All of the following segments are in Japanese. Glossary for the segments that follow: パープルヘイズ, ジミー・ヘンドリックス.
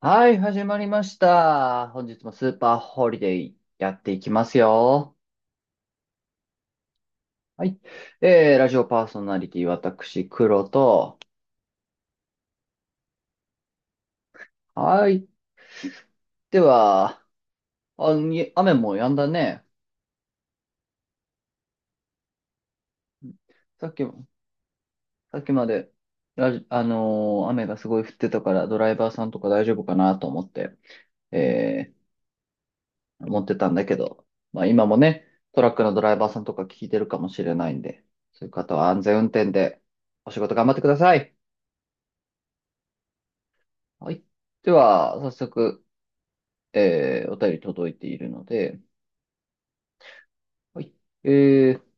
はい、始まりました。本日もスーパーホリデーやっていきますよ。はい。ラジオパーソナリティ、私、黒と。はい。では、あ、雨も止んだね。さっき、さっきまで、ラジ、あのー雨がすごい降ってたから、ドライバーさんとか大丈夫かなと思って、え思ってたんだけど、まあ今もね、トラックのドライバーさんとか聞いてるかもしれないんで、そういう方は安全運転でお仕事頑張ってください。はい。では、早速、お便り届いているので、はい。えー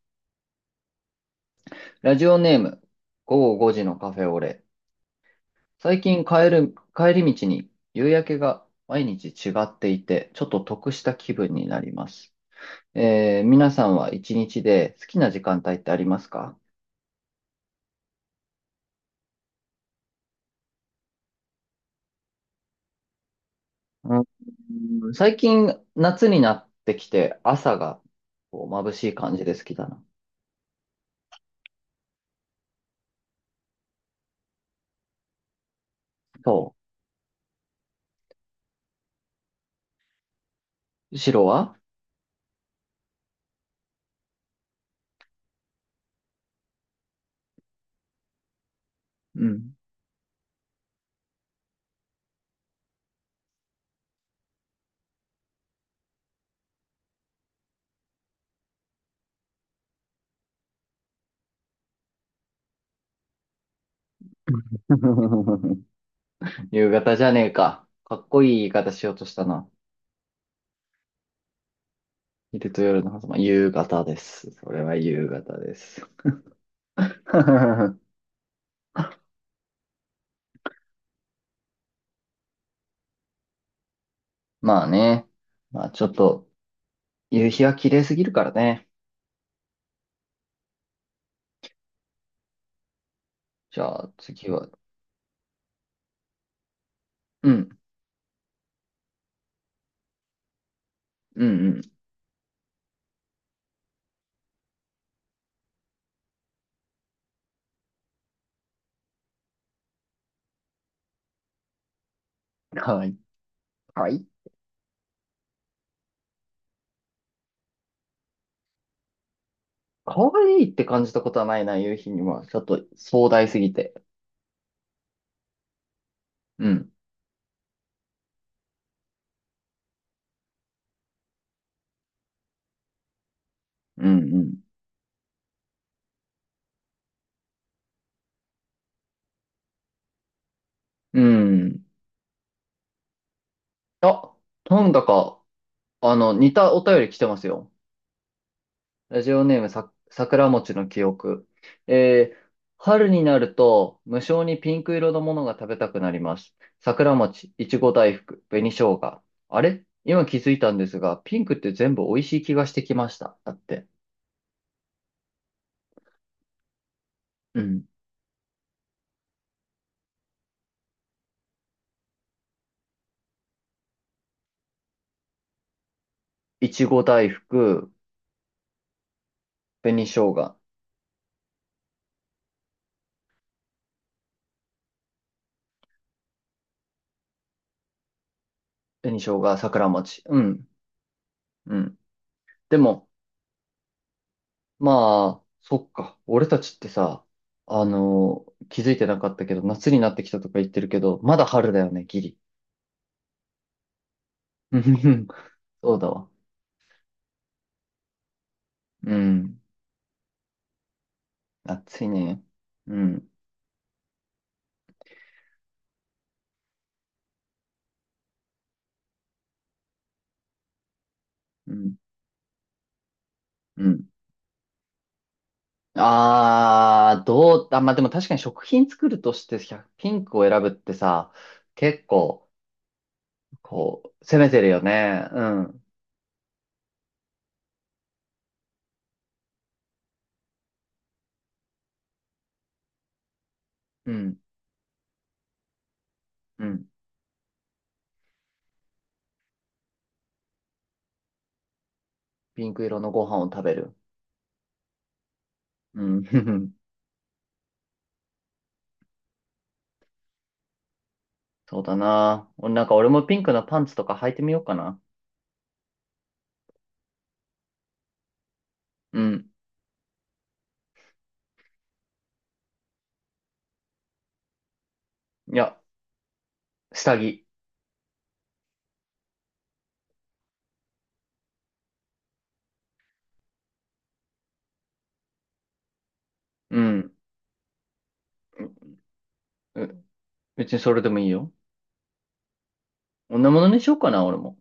ラジオネーム、午後5時のカフェオレ。最近帰り道に夕焼けが毎日違っていて、ちょっと得した気分になります。皆さんは一日で好きな時間帯ってありますか？う最近、夏になってきて、朝がこう眩しい感じで好きだな。そう。白は。うん。夕方じゃねえか。かっこいい言い方しようとしたな。昼と夜の狭間、夕方です。それは夕方です。まあね。まあちょっと、夕日は綺麗すぎるからね。じゃあ次は、うん、うん、うん。はい。はい。可愛いって感じたことはないな、夕日には。ちょっと壮大すぎて。うん、うん、うん。うん。あ、なんだか、似たお便り来てますよ。ラジオネームさ、桜餅の記憶。えー春になると無性にピンク色のものが食べたくなります。桜餅、いちご大福、紅生姜。あれ今気づいたんですが、ピンクって全部美味しい気がしてきました。だって。うん。いちご大福、紅生姜、桜餅。うん。うん。でも、まあ、そっか。俺たちってさ、気づいてなかったけど、夏になってきたとか言ってるけど、まだ春だよね、ギリ。そうだわ。うん。暑いね。うん。うん。うん。ああ、どう、あ、まあ、でも確かに食品作るとして1ピンクを選ぶってさ、結構、こう、攻めてるよね。うん。うん。うん。ピンク色のご飯を食べる。うん。ふふ。そうだな。俺なんか俺もピンクのパンツとか履いてみようかな。うん。いや、下着。うん。う、う別にそれでもいいよ。女物にしようかな、俺も。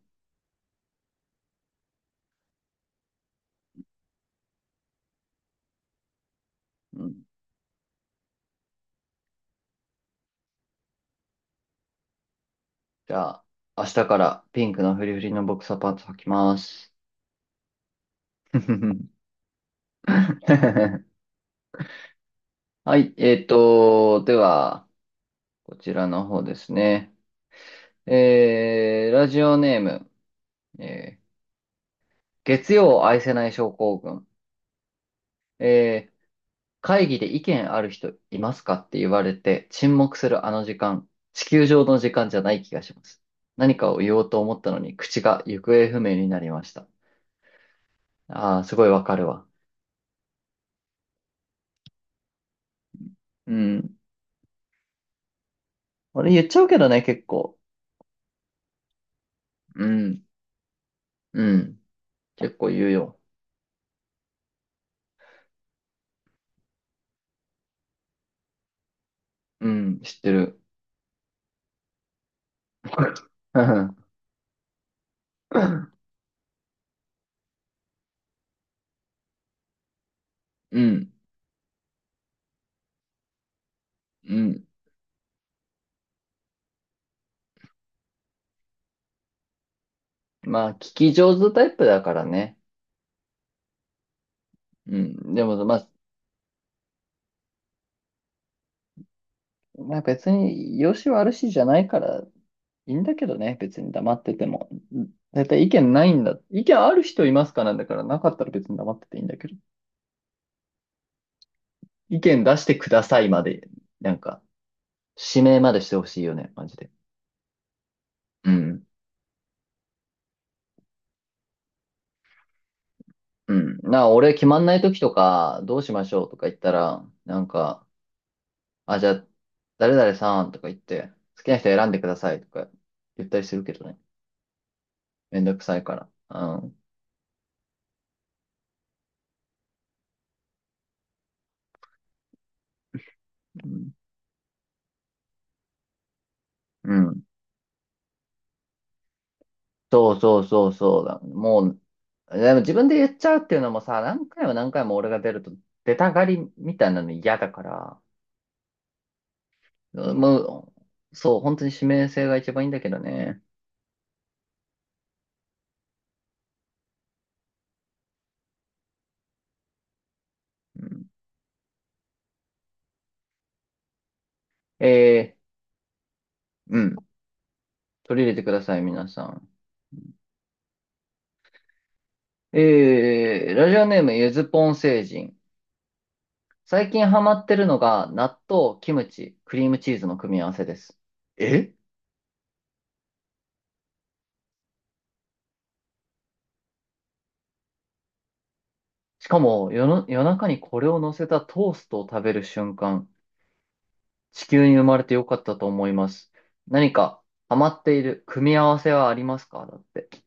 うんじゃあ、明日からピンクのフリフリのボクサーパンツ履きます。はい、では、こちらの方ですね。ラジオネーム、えー月曜を愛せない症候群。えー会議で意見ある人いますかって言われて沈黙するあの時間、地球上の時間じゃない気がします。何かを言おうと思ったのに口が行方不明になりました。ああ、すごいわかるわ。うん。俺言っちゃうけどね、結構。うん、うん。結構言うよ。うん、知ってる。うん、うん。うん。まあ、聞き上手タイプだからね。うん。でも、まあ、別に、良し悪しじゃないから、いいんだけどね。別に黙ってても。絶対意見ないんだ。意見ある人いますかなんだから、なかったら別に黙ってていいんだけど。意見出してくださいまで、なんか、指名までしてほしいよね。マジで。うん。うん。なあ、俺決まんない時とか、どうしましょうとか言ったら、なんか、あ、じゃあ、誰々さんとか言って、好きな人選んでくださいとか言ったりするけどね。めんどくさいから。うん。うん。うんそうそうそうそうだ。もう、でも自分で言っちゃうっていうのもさ、何回も何回も俺が出ると出たがりみたいなの嫌だから、もう、そう、本当に指名性が一番いいんだけどね。うん、えー、うん最近ハマってるのが、納豆、キムチ、クリームチーズの組み合わせです。えしかも、夜中にこれを乗せたトーストを食べる瞬間、地球に生まれてよかったと思います。何かハマっている組み合わせはありますかだって。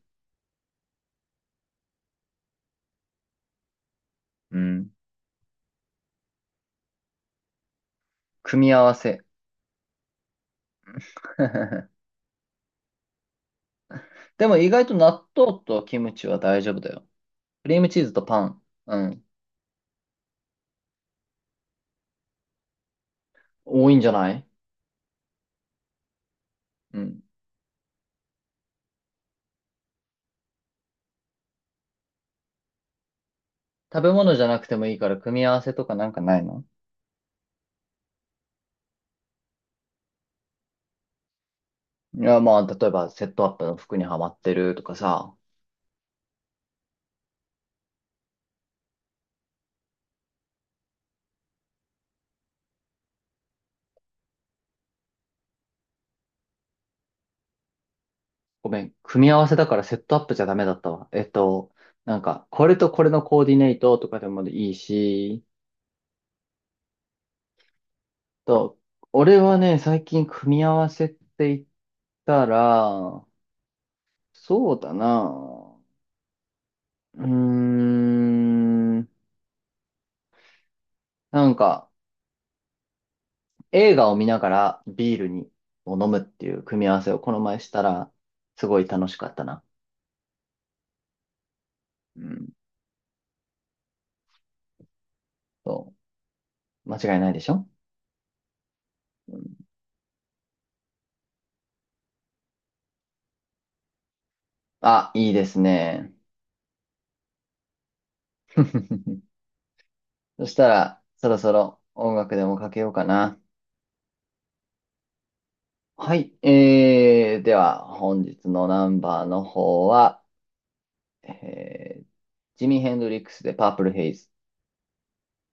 うん。組み合わせ。でも意外と納豆とキムチは大丈夫だよ。クリームチーズとパン。うん。多いんじゃない？うん。食べ物じゃなくてもいいから組み合わせとかなんかないの？いや、まあ、例えばセットアップの服にはまってるとかさ、ごめん、組み合わせだからセットアップじゃダメだったわ。なんか、これとこれのコーディネートとかでもいいし、と、俺はね、最近組み合わせって言ったら、そうだな、うーん、なんか、映画を見ながらビールにを飲むっていう組み合わせをこの前したら、すごい楽しかったな。うん、そう、間違いないでしょ？あ、いいですね。そしたら、そろそろ音楽でもかけようかな。はい。では、本日のナンバーの方は、えージミー・ヘンドリックスでパープルヘイズ。